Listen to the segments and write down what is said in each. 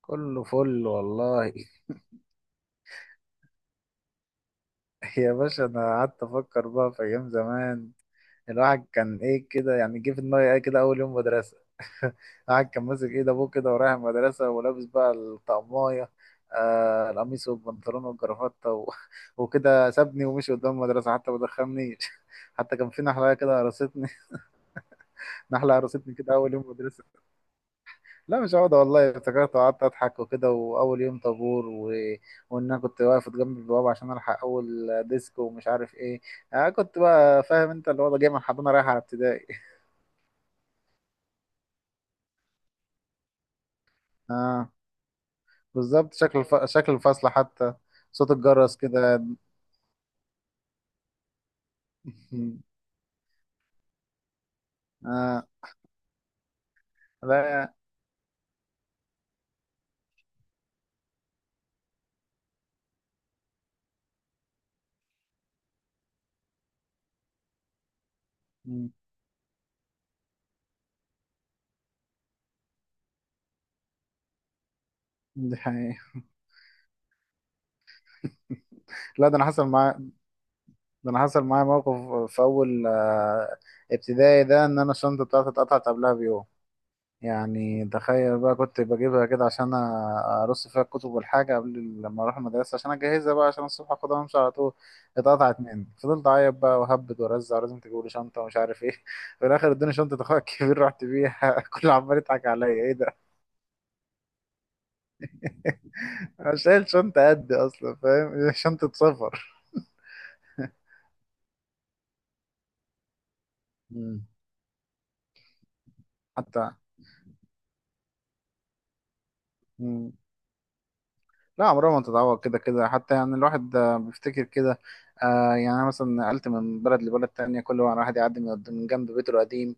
كله فل والله. يا باشا، انا قعدت افكر بقى في ايام زمان. الواحد كان ايه كده، يعني جه في دماغي ايه كده اول يوم مدرسه. الواحد كان ماسك ايد ابوه كده ورايح المدرسه ولابس بقى الطقمايه. القميص والبنطلون والجرافته. وكده سابني ومشي قدام المدرسه، حتى ما دخلنيش. حتى كان في نحله كده قرصتني. نحله قرصتني كده اول يوم مدرسه. لا، مش عقدة والله، افتكرت وقعدت أضحك وكده، وأول يوم طابور. وإن أنا كنت واقف جنب البوابة عشان ألحق أول ديسك ومش عارف إيه. أنا كنت بقى فاهم أنت اللي هو جاي من حضانة رايح على ابتدائي. آه. بالظبط، شكل شكل الفصل حتى. صوت الجرس كده. آه. لا. مم. دي حقيقة. لا، ده أنا حصل معايا. ده أنا حصل معايا موقف في أول ابتدائي ده، إن أنا الشنطة بتاعتي اتقطعت قبلها بيوم. يعني تخيل بقى، كنت بجيبها كده عشان ارص فيها الكتب والحاجه قبل لما اروح المدرسه، عشان اجهزها بقى عشان الصبح اخدها وامشي على طول. اتقطعت مني، فضلت اعيط بقى وهبد وارزع، ولازم تجيبوا لي شنطه ومش عارف ايه. في الاخر ادوني شنطه اخويا الكبير، رحت بيها. كله عمال يضحك عليا، ايه ده. انا شايل شنطه قد، اصلا فاهم، شنطه سفر. مم. حتى. مم. لا، عمرها ما تتعوض. كده كده حتى، يعني الواحد بيفتكر كده. آه، يعني أنا مثلا نقلت من بلد لبلد تانية، كل واحد يعدي من جنب بيته القديم.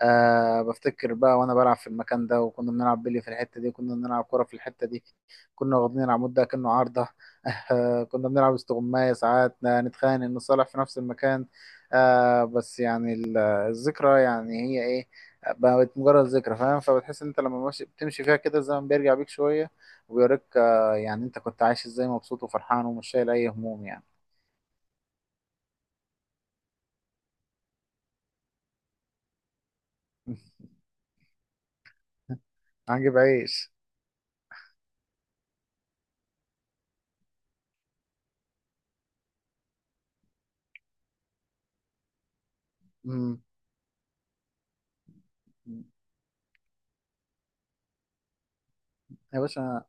أه، بفتكر بقى وانا بلعب في المكان ده، وكنا بنلعب بلي في الحته دي، كنا بنلعب كره في الحته دي. كنا واخدين العمود ده كأنه عارضه. أه كنا بنلعب استغماية ساعات، نتخانق نصالح في نفس المكان. أه، بس يعني الذكرى يعني هي ايه. آه، بقت مجرد ذكرى، فاهم؟ فبتحس ان انت لما ماشي بتمشي فيها كده الزمن بيرجع بيك شويه، وبيوريك، يعني انت كنت عايش ازاي، مبسوط وفرحان ومش شايل اي هموم يعني. عجب عيش. مم. يا باشا.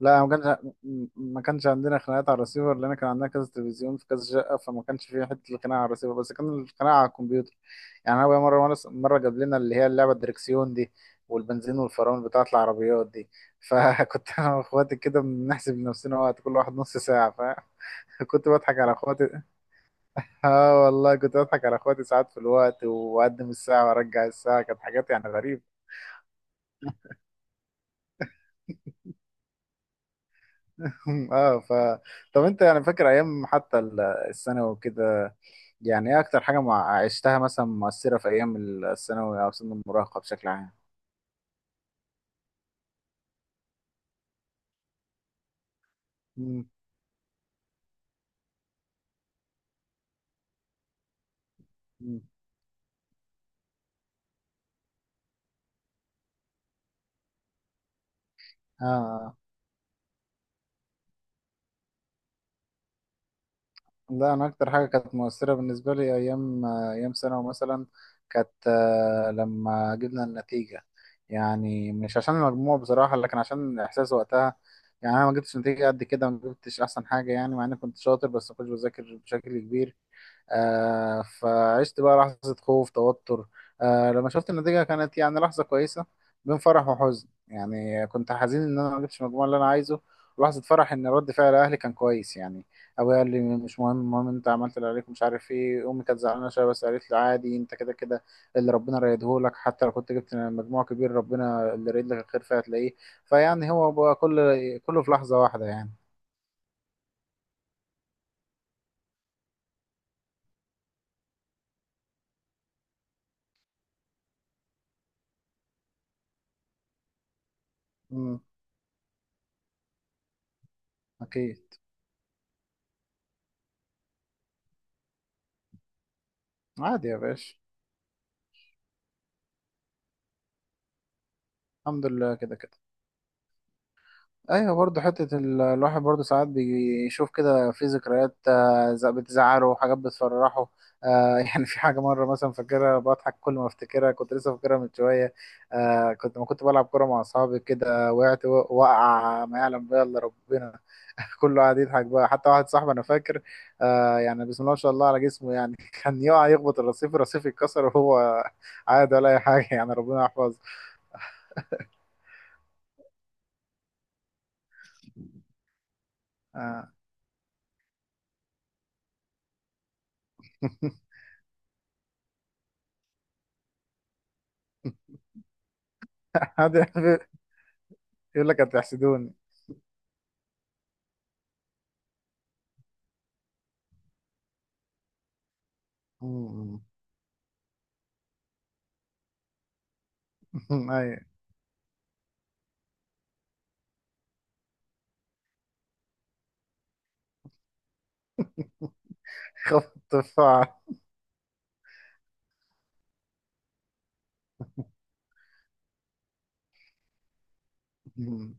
لا، ما كانش. ما كانش عندنا خناقات على الرسيفر، لان كان عندنا كذا تلفزيون في كذا شقه، فما كانش فيه حته الخناقه على الرسيفر، بس كان الخناقه على الكمبيوتر. يعني انا بقى مره جاب لنا اللي هي اللعبه الدركسيون دي، والبنزين والفرامل بتاعه العربيات دي. فكنت انا واخواتي كده بنحسب لنفسنا وقت كل واحد نص ساعه. فكنت بضحك على اخواتي. اه والله كنت بضحك على اخواتي ساعات في الوقت، واقدم الساعه وارجع الساعه، كانت حاجات يعني غريبه. اه طب انت يعني فاكر ايام حتى الثانوي وكده؟ يعني ايه اكتر حاجة عشتها مثلا مؤثرة في ايام الثانوي او سن المراهقة بشكل عام؟ مم. مم. آه. لا، أنا أكتر حاجة كانت مؤثرة بالنسبة لي أيام ثانوي مثلا، كانت لما جبنا النتيجة. يعني مش عشان المجموع بصراحة، لكن عشان الإحساس وقتها. يعني أنا ما جبتش نتيجة قد كده، ما جبتش أحسن حاجة يعني، مع إني كنت شاطر بس ما كنتش بذاكر بشكل كبير. آه، فعشت بقى لحظة خوف، توتر. آه، لما شفت النتيجة كانت يعني لحظة كويسة. بين فرح وحزن، يعني كنت حزين إن أنا ما جبتش المجموع اللي أنا عايزه، ولحظة فرح إن رد فعل أهلي كان كويس يعني. أبويا قال لي مش مهم، المهم أنت عملت اللي عليك، ومش عارف إيه. أمي كانت زعلانة شوية، بس قالت لي عادي، أنت كده كده اللي ربنا رايدهولك، حتى لو كنت جبت مجموع كبير، ربنا اللي رايد لك الخير فهتلاقيه. فيعني هو بقى كل، كله في لحظة واحدة يعني. مم. أكيد. عادي يا باشا. الحمد لله كده كده. ايوه برضه حته الواحد برضه ساعات بيشوف كده في ذكريات، بتزعله وحاجات بتفرحه. آه، يعني في حاجه مره مثلا فاكرها، بضحك كل ما افتكرها، كنت لسه فاكرها من شويه. آه، كنت ما كنت بلعب كوره مع اصحابي كده، وقعت وقع ما يعلم بها الا ربنا. كله قاعد يضحك بقى، حتى واحد صاحبي انا فاكر، يعني بسم الله ما شاء الله على جسمه يعني. كان يقع يخبط الرصيف، الرصيف يتكسر وهو عادي ولا اي حاجه يعني، ربنا يحفظه. آه. قاعد يقول لك هتحسدوني. مم. أي. خفض الدفاع. مم.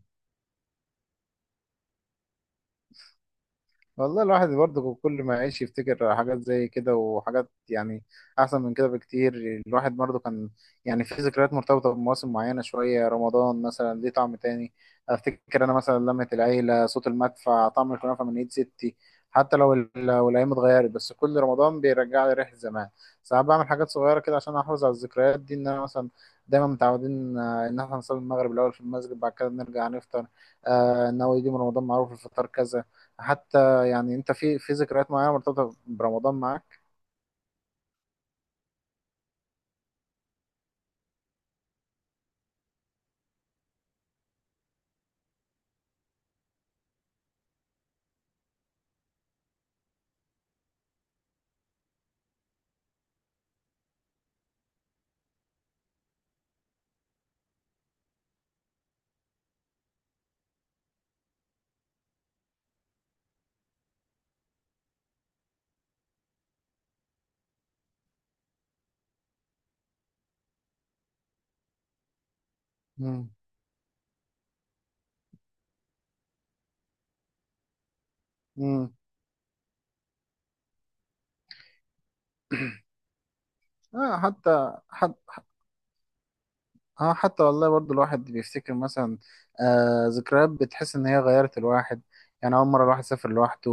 والله الواحد برضه كل ما يعيش يفتكر حاجات زي كده، وحاجات يعني أحسن من كده بكتير. الواحد برضه كان، يعني في ذكريات مرتبطة بمواسم معينة شوية. رمضان مثلا ليه طعم تاني. أفتكر أنا مثلا لمة العيلة، صوت المدفع، طعم الكنافة من إيد ستي. حتى لو لو الأيام اتغيرت، بس كل رمضان بيرجع لي ريحة زمان. ساعات بعمل حاجات صغيرة كده عشان أحافظ على الذكريات دي. إن أنا مثلا دايما متعودين، إن إحنا نصلي المغرب الأول في المسجد، بعد كده نرجع نفطر. إن هو يجي من رمضان معروف الفطار كذا. حتى يعني انت في ذكريات معينه مرتبطه برمضان معاك؟ مم. امم. آه، حتى حتى، اه حتى والله برضو الواحد بيفتكر مثلا آه ذكريات بتحس ان هي غيرت الواحد. يعني اول مره الواحد سافر لوحده،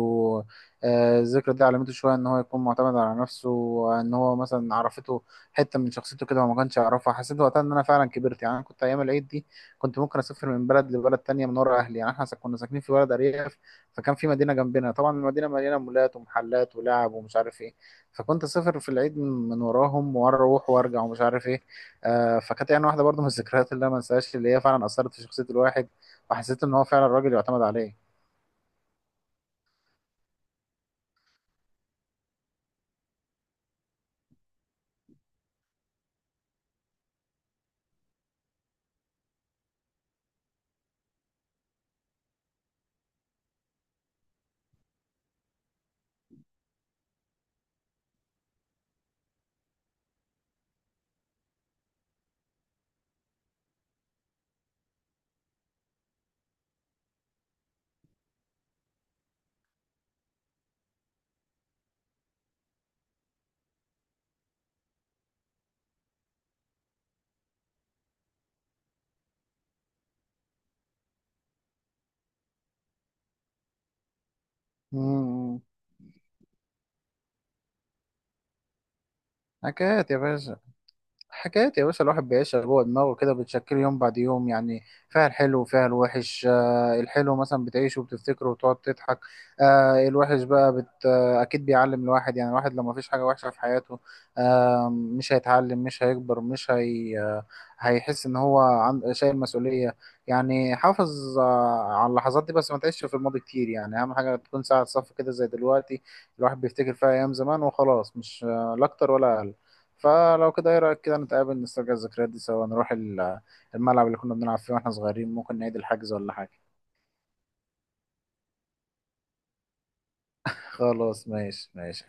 آه الذكرى دي علمته شويه ان هو يكون معتمد على نفسه، وان هو مثلا عرفته حته من شخصيته كده هو ما كانش يعرفها. حسيت وقتها ان انا فعلا كبرت. يعني انا كنت ايام العيد دي كنت ممكن اسافر من بلد لبلد تانية من ورا اهلي. يعني احنا كنا ساكنين في بلد ارياف، فكان في مدينه جنبنا. طبعا المدينه مليانه مولات ومحلات ولعب ومش عارف ايه، فكنت اسافر في العيد من وراهم، واروح وارجع ومش عارف ايه. آه، فكانت يعني واحده برضو من الذكريات اللي انا ما انساهاش، اللي هي فعلا اثرت في شخصيه الواحد، وحسيت ان هو فعلا راجل يعتمد عليه. امم. حكايات يا باشا. حكايات يا باشا. الواحد بيعيشها جوه دماغه كده، بتشكل يوم بعد يوم يعني. فيها الحلو وفيها الوحش. آه الحلو مثلا بتعيشه وبتفتكره وتقعد تضحك. آه الوحش بقى بت آه أكيد بيعلم الواحد. يعني الواحد لو ما فيش حاجة وحشة في حياته، آه مش هيتعلم مش هيكبر مش هي آه هيحس إن هو عن شايل مسؤولية. يعني حافظ على اللحظات دي، بس ما تعيش في الماضي كتير يعني. أهم حاجة تكون ساعة صف كده زي دلوقتي، الواحد بيفتكر فيها أيام زمان وخلاص، مش لا أكتر ولا أقل. فلو كده ايه رأيك كده نتقابل نسترجع الذكريات دي سوا، نروح الملعب اللي كنا بنلعب فيه واحنا صغيرين، ممكن نعيد الحجز ولا حاجة؟ خلاص ماشي ماشي.